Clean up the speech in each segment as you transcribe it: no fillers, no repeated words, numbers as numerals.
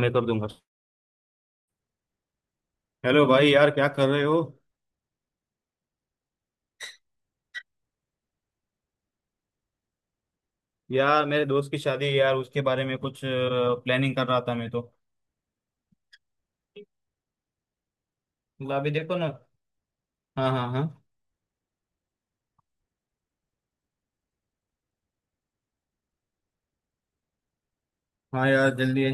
मैं कर दूंगा। हेलो भाई यार, क्या कर रहे हो? यार मेरे दोस्त की शादी है यार, उसके बारे में कुछ प्लानिंग कर रहा था मैं तो। मतलब अभी देखो ना। हाँ हाँ हाँ। हाँ यार जल्दी है।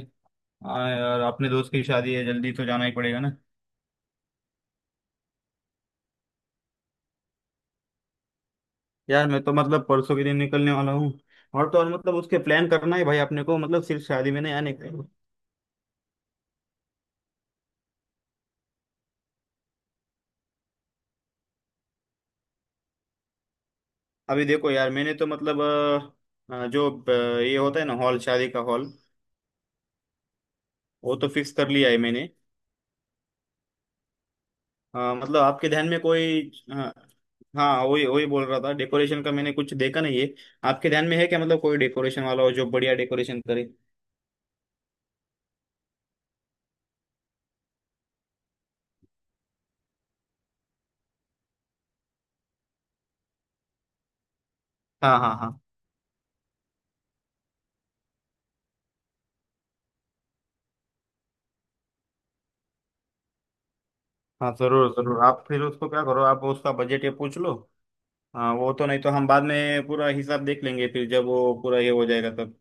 हाँ यार, अपने दोस्त की शादी है, जल्दी तो जाना ही पड़ेगा ना। यार मैं तो मतलब परसों के दिन निकलने वाला हूँ। और तो और मतलब उसके प्लान करना है भाई अपने को, मतलब सिर्फ शादी में नहीं आने का। अभी देखो यार, मैंने तो मतलब ये होता है ना, हॉल, शादी का हॉल, वो तो फिक्स कर लिया है मैंने। हाँ मतलब आपके ध्यान में कोई, हाँ हाँ वही वही बोल रहा था, डेकोरेशन का मैंने कुछ देखा नहीं है। आपके ध्यान में है क्या मतलब, कोई डेकोरेशन वाला हो जो बढ़िया डेकोरेशन करे। हाँ हाँ हाँ। हाँ जरूर जरूर, आप फिर उसको क्या करो, आप उसका बजट ये पूछ लो। हाँ वो तो, नहीं तो हम बाद में पूरा हिसाब देख लेंगे, फिर जब वो पूरा ये हो जाएगा तब।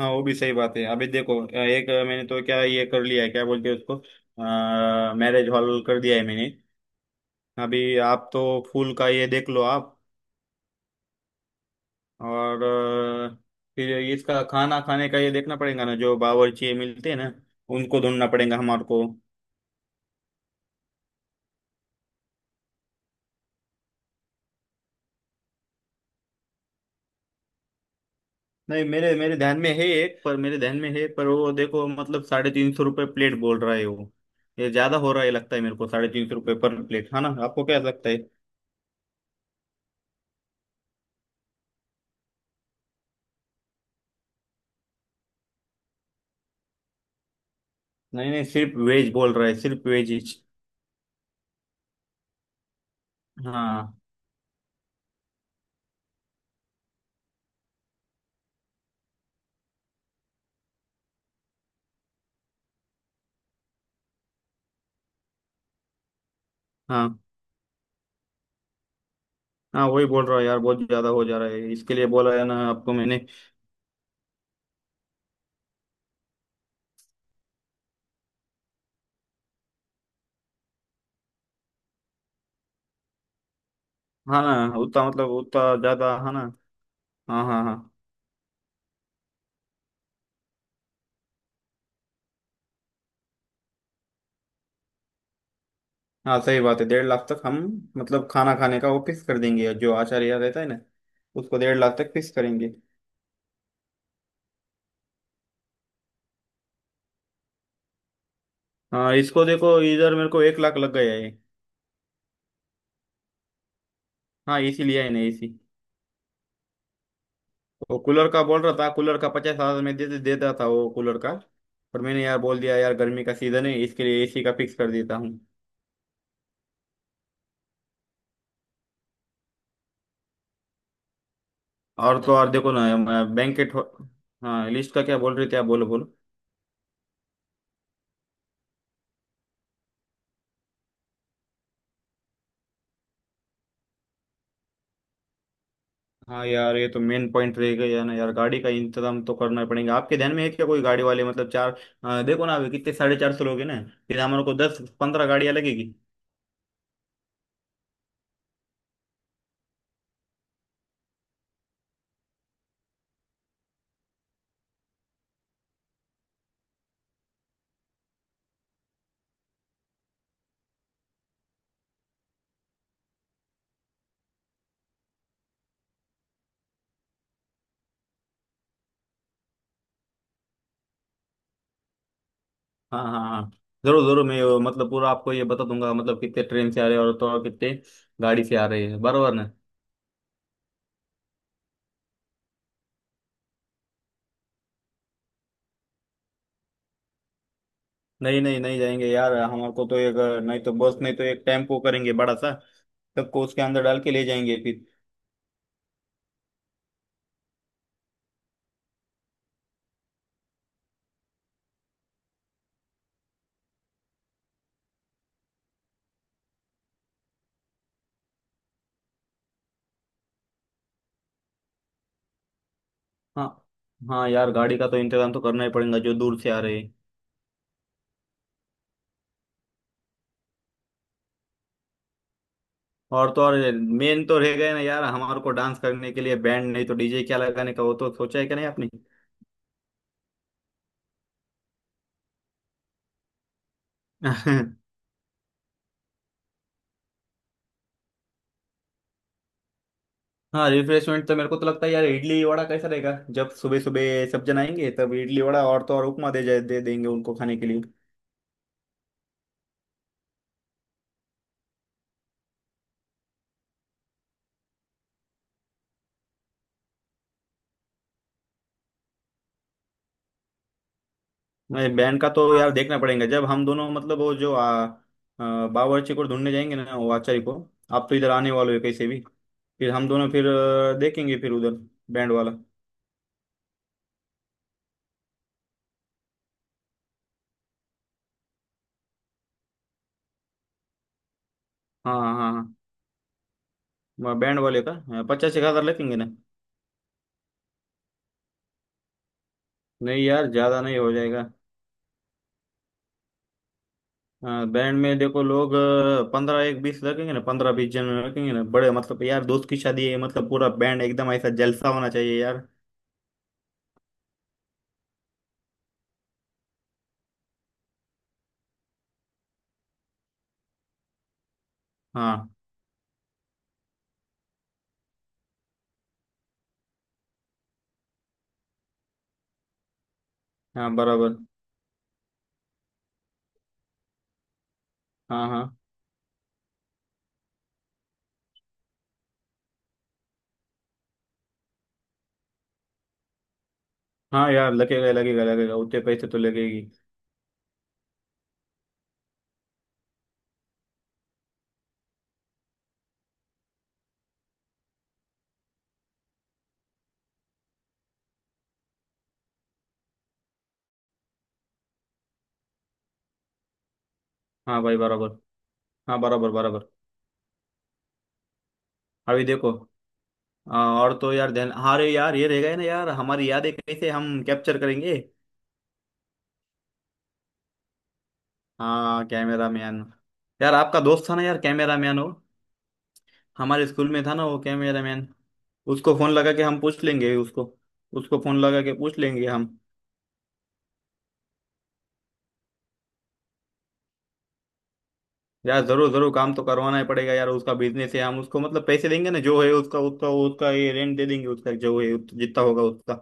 हाँ वो भी सही बात है। अभी देखो, एक मैंने तो क्या ये कर लिया है, क्या बोलते हैं उसको, मैरिज हॉल कर दिया है मैंने। अभी आप तो फूल का ये देख लो आप। और अ, फिर इसका खाना खाने का ये देखना पड़ेगा ना, जो बावर्ची मिलते हैं ना, उनको ढूंढना पड़ेगा हमारे को। नहीं, मेरे मेरे ध्यान में है एक, पर मेरे ध्यान में है, पर वो देखो मतलब ₹350 प्लेट बोल रहा है वो। ये ज्यादा हो रहा है लगता है मेरे को। ₹350 पर प्लेट है ना, आपको क्या लगता है? नहीं नहीं सिर्फ वेज बोल रहा है, सिर्फ वेज ही। हाँ। हाँ हाँ वही बोल रहा है यार, बहुत ज्यादा हो जा रहा है, इसके लिए बोला है ना आपको मैंने। हाँ ना उतना मतलब उतना ज्यादा है ना। हाँ हाँ हाँ। हाँ सही बात है, 1.5 लाख तक हम, मतलब खाना खाने का वो फिक्स कर देंगे, जो आचार्य रहता है ना, उसको 1.5 लाख तक फिक्स करेंगे। हाँ इसको देखो, इधर मेरे को 1 लाख लग गया है। हाँ एसी लिया है ना, एसी। वो कूलर का बोल रहा था, कूलर का 50,000 में दे देता था वो कूलर का, पर मैंने यार बोल दिया, यार गर्मी का सीजन है, इसके लिए एसी का फिक्स कर देता हूँ। और तो और देखो ना बैंकेट। हाँ लिस्ट का क्या बोल रहे थे आप? बोलो बोलो। हाँ यार, ये तो मेन पॉइंट रह गया ना यार, गाड़ी का इंतजाम तो करना ही पड़ेगा। आपके ध्यान में है क्या कोई गाड़ी वाले? मतलब चार, देखो ना, अभी कितने 450 लोग हैं ना, फिर हमारे को 10-15 गाड़ियाँ लगेगी। हाँ हाँ हाँ, जरूर जरूर, मैं मतलब पूरा आपको ये बता दूंगा, मतलब कितने ट्रेन से आ रहे हैं और तो और कितने गाड़ी से आ रहे हैं, बराबर ना। नहीं नहीं, नहीं जाएंगे यार, हमारे को तो एक नहीं तो बस, नहीं तो एक टेम्पो करेंगे बड़ा सा, सबको उसके अंदर डाल के ले जाएंगे फिर। हाँ हाँ यार, गाड़ी का तो इंतजाम तो करना ही पड़ेगा, जो दूर से आ रहे हैं। और तो और मेन तो रह गए ना यार, हमारे को डांस करने के लिए बैंड नहीं तो डीजे क्या लगाने का, वो तो सोचा है क्या नहीं आपने? हाँ रिफ्रेशमेंट तो मेरे को तो लगता है यार, इडली वड़ा कैसा रहेगा, जब सुबह सुबह सब जन आएंगे तब, इडली वड़ा और तो और उपमा दे जाए, दे देंगे उनको खाने के लिए। नहीं, बैंड का तो यार देखना पड़ेगा, जब हम दोनों मतलब वो जो आ, आ, बावर्ची को ढूंढने जाएंगे ना, वो आचार्य को। आप तो इधर आने वाले हो कैसे भी, फिर हम दोनों फिर देखेंगे फिर उधर, बैंड वाला। हाँ हाँ हाँ, बैंड वाले का पचास एक हजार लेंगे ना। नहीं यार ज्यादा नहीं हो जाएगा। बैंड में देखो, लोग पंद्रह एक बीस रखेंगे ना, 15-20 जन रखेंगे ना बड़े, मतलब यार दोस्त की शादी है, मतलब पूरा बैंड एकदम, ऐसा जलसा होना चाहिए यार। हाँ हाँ बराबर। हाँ हाँ हाँ यार, लगेगा लगेगा लगेगा, उतने पैसे तो लगेगी। हाँ भाई बराबर। हाँ बराबर बराबर। अभी देखो। हाँ, और तो यार ध्यान, अरे यार ये रह गए ना यार, हमारी यादें कैसे हम कैप्चर करेंगे? हाँ कैमरा मैन। यार आपका दोस्त था ना यार, कैमरा मैन हो, हमारे स्कूल में था ना वो कैमरामैन, उसको फोन लगा के हम पूछ लेंगे उसको, उसको फोन लगा के पूछ लेंगे हम। यार जरूर जरूर, काम तो करवाना ही पड़ेगा यार, उसका बिजनेस है, हम उसको मतलब पैसे देंगे ना, जो है उसका उसका उसका, ये रेंट दे देंगे उसका जो है, जितना होगा उसका।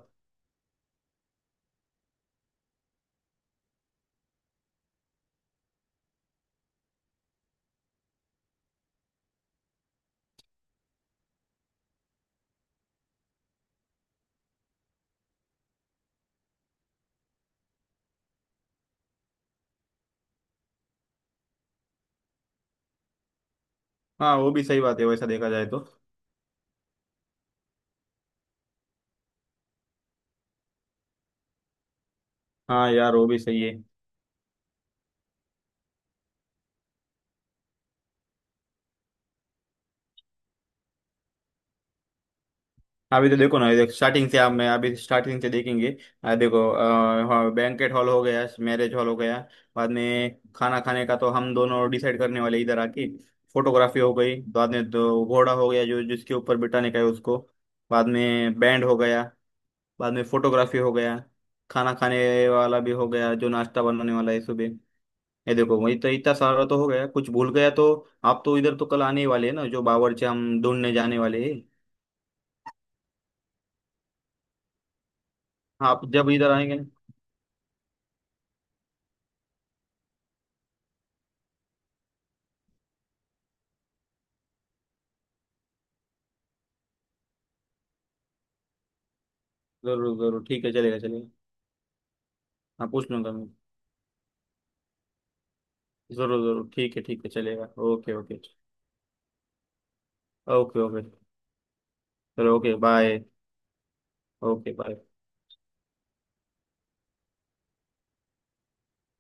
हाँ वो भी सही बात है, वैसा देखा जाए तो। हाँ यार वो भी सही है। अभी तो देखो ना, ये देख स्टार्टिंग से आप, मैं अभी स्टार्टिंग से देखेंगे। देखो, बैंकेट हॉल हो गया, मैरिज हॉल हो गया, बाद में खाना खाने का तो हम दोनों डिसाइड करने वाले इधर आके। फोटोग्राफी हो गई, बाद में तो घोड़ा हो गया, जो जिसके ऊपर बिठाने का है उसको। बाद में बैंड हो गया, बाद में फोटोग्राफी हो गया। खाना खाने वाला भी हो गया, जो नाश्ता बनाने वाला है सुबह। ये देखो वही तो, इतना सारा तो हो गया, कुछ भूल गया तो, आप तो इधर तो कल आने ही वाले हैं ना, जो बावर्ची हम ढूंढने जाने वाले हैं। आप जब इधर आएंगे। जरूर जरूर, ठीक है, चलेगा चलेगा। हाँ पूछ लूंगा मैं। जरूर जरूर, ठीक है ठीक है, चलेगा। Okay okay. Okay okay. चलो ओके बाय। Okay bye.